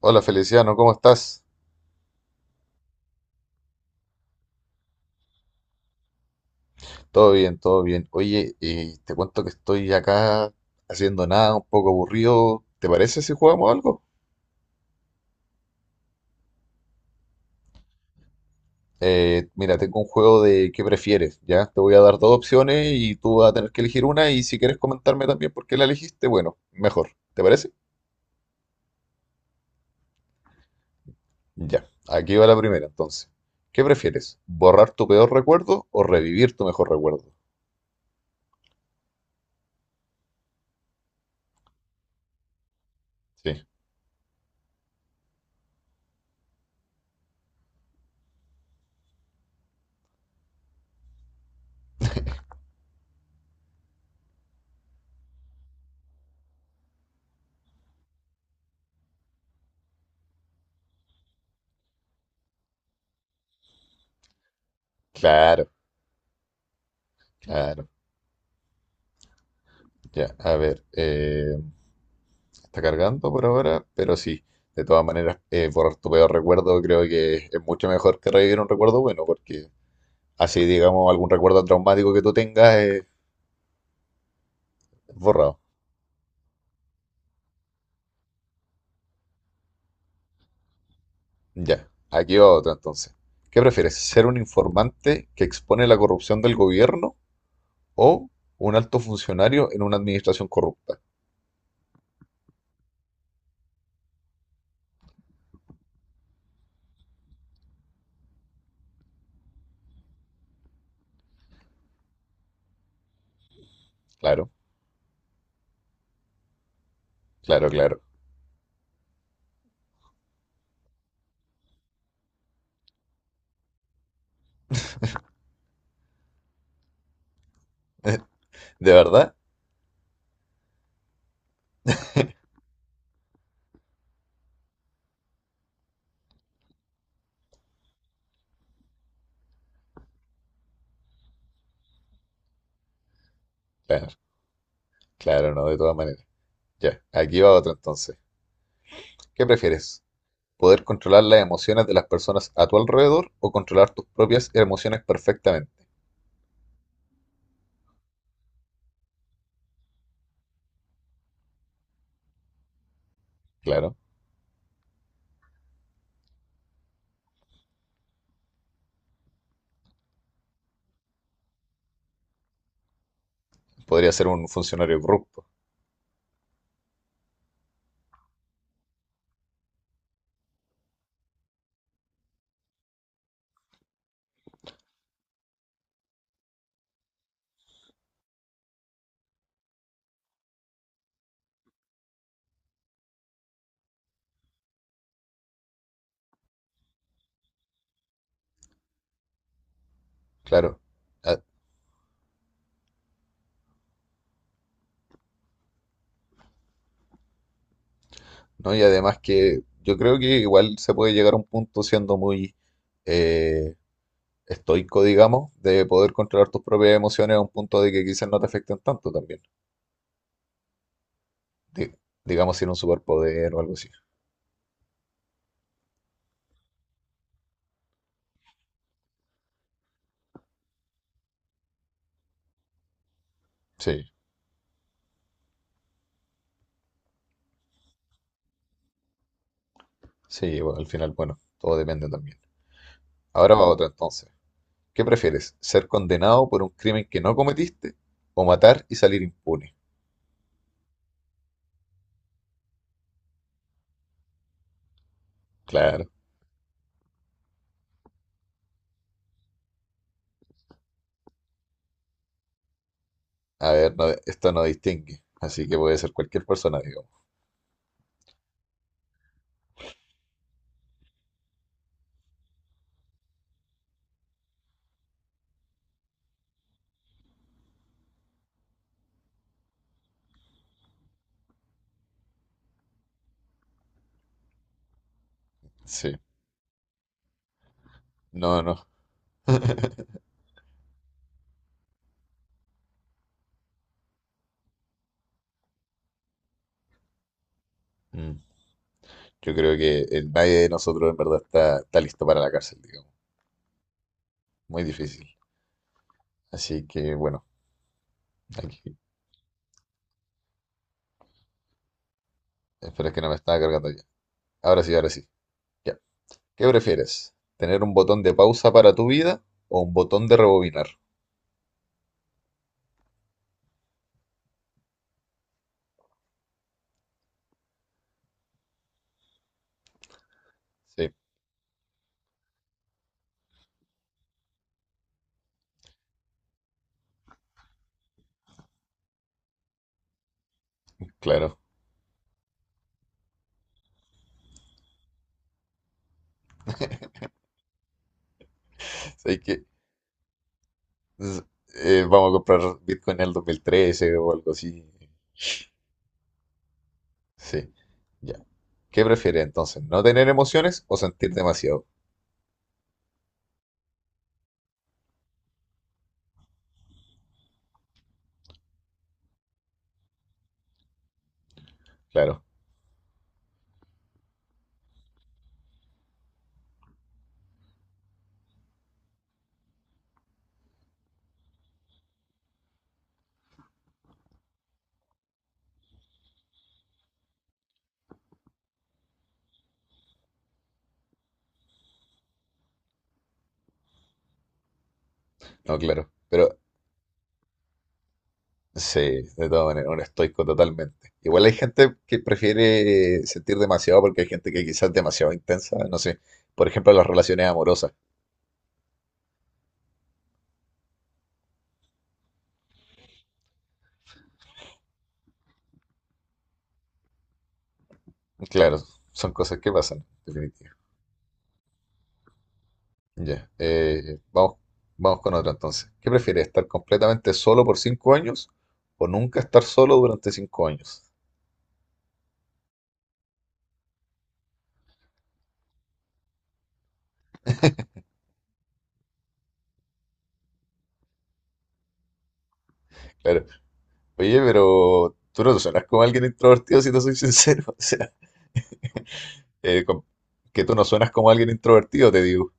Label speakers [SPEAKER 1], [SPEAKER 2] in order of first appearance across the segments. [SPEAKER 1] Hola Feliciano, ¿cómo estás? Todo bien, todo bien. Oye, te cuento que estoy acá haciendo nada, un poco aburrido. ¿Te parece si jugamos algo? Mira, tengo un juego de qué prefieres, ¿ya? Te voy a dar dos opciones y tú vas a tener que elegir una y si quieres comentarme también por qué la elegiste, bueno, mejor. ¿Te parece? Ya, aquí va la primera entonces. ¿Qué prefieres? ¿Borrar tu peor recuerdo o revivir tu mejor recuerdo? Sí, claro, claro. Ya, a ver. Está cargando por ahora, pero sí, de todas maneras, borrar tu peor recuerdo creo que es mucho mejor que revivir un recuerdo bueno, porque así, digamos, algún recuerdo traumático que tú tengas es borrado. Ya, aquí va otro entonces. ¿Qué prefieres? ¿Ser un informante que expone la corrupción del gobierno o un alto funcionario en una administración corrupta? Claro, claro, claro. ¿De verdad? Claro, claro, no, de todas maneras. Ya, aquí va otro entonces. ¿Qué prefieres? Poder controlar las emociones de las personas a tu alrededor o controlar tus propias emociones perfectamente. Claro, podría ser un funcionario corrupto, claro. Ah, ¿no? Y además que yo creo que igual se puede llegar a un punto siendo muy eh, estoico, digamos, de poder controlar tus propias emociones a un punto de que quizás no te afecten tanto también. Di- digamos, sin un superpoder o algo así. Sí, sí, bueno, al final, bueno, todo depende también. Ahora va otra entonces. ¿Qué prefieres? ¿Ser condenado por un crimen que no cometiste o matar y salir impune? Claro. A ver, esto no distingue, así que puede ser cualquier persona, digamos. Sí. No, no. Mm. Yo creo que nadie de nosotros en verdad está listo para la cárcel, digamos. Muy difícil. Así que bueno, aquí. Espero que no me estaba cargando ya. Ahora sí, ahora sí. Ya. ¿Qué prefieres? ¿Tener un botón de pausa para tu vida o un botón de rebobinar? Sí, claro. Sabes que Z- vamos a comprar Bitcoin en el 2013 o algo así. Sí, ya. ¿Qué prefieres entonces? ¿No tener emociones o sentir demasiado? Claro, no, claro. Pero sí, de todas maneras, un estoico totalmente. Igual hay gente que prefiere sentir demasiado porque hay gente que quizás es demasiado intensa. No sé, por ejemplo, las relaciones amorosas. Claro, son cosas que pasan, definitivamente. Ya, vamos con otra entonces. ¿Qué prefieres, estar completamente solo por 5 años o nunca estar solo durante 5 años? Claro. Oye, pero tú no suenas como alguien introvertido, si te soy sincero. O sea, eh, com- que tú no suenas como alguien introvertido, te digo.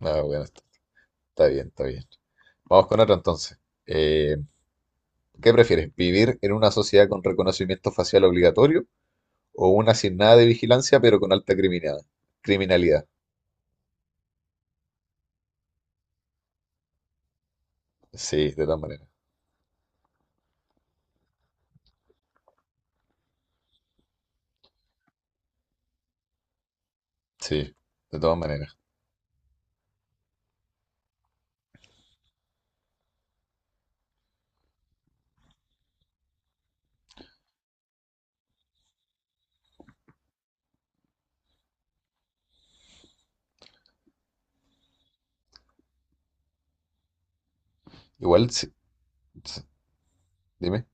[SPEAKER 1] Ah, bueno, está bien, está bien. Vamos con otra entonces. Eh, ¿Qué prefieres, vivir en una sociedad con reconocimiento facial obligatorio o una sin nada de vigilancia pero con alta criminalidad? Criminalidad. Sí, de todas maneras. Sí, de todas maneras. Igual, si- dime,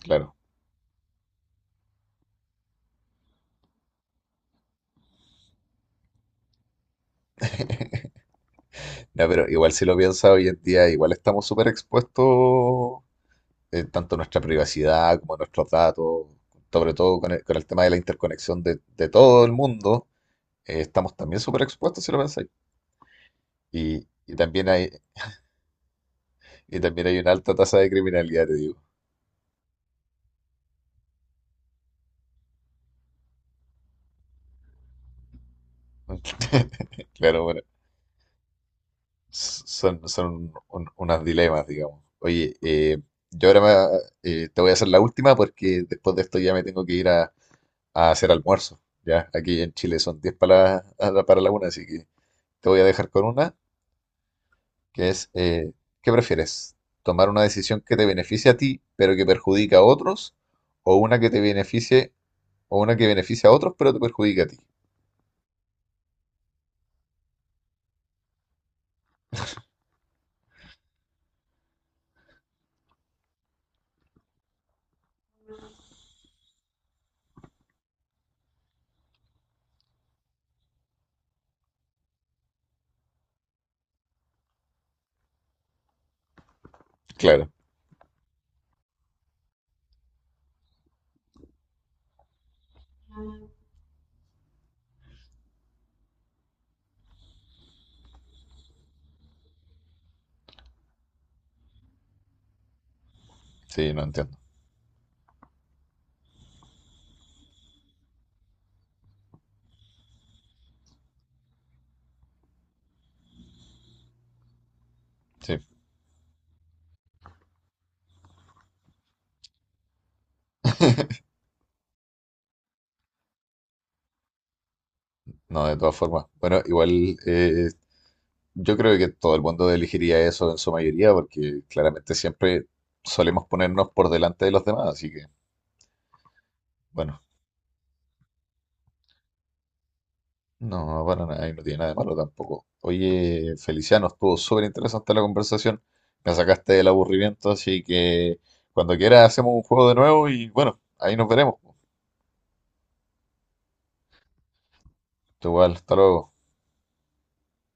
[SPEAKER 1] claro. No, pero igual si lo piensas hoy en día, igual estamos súper expuestos, tanto nuestra privacidad como nuestros datos, sobre todo con con el tema de la interconexión de todo el mundo, estamos también súper expuestos si lo pensáis. Y también hay, y también hay una alta tasa de criminalidad, te digo. Claro, bueno, son, son unos dilemas, digamos. Oye, yo ahora te voy a hacer la última porque después de esto ya me tengo que ir a hacer almuerzo. Ya, aquí en Chile son 10 para la una, así que te voy a dejar con una, que es, ¿qué prefieres? ¿Tomar una decisión que te beneficie a ti, pero que perjudica a otros? ¿O una que te beneficie, o una que beneficie a otros, pero te perjudica a ti? Claro, sí, no entiendo. Sí, no, de todas formas. Bueno, igual yo creo que todo el mundo elegiría eso en su mayoría, porque claramente siempre solemos ponernos por delante de los demás, así que, bueno. No, para nada, y no tiene nada de malo tampoco. Oye, Feliciano, estuvo súper interesante la conversación. Me sacaste del aburrimiento, así que cuando quieras hacemos un juego de nuevo y bueno, ahí nos veremos. Igual, hasta luego.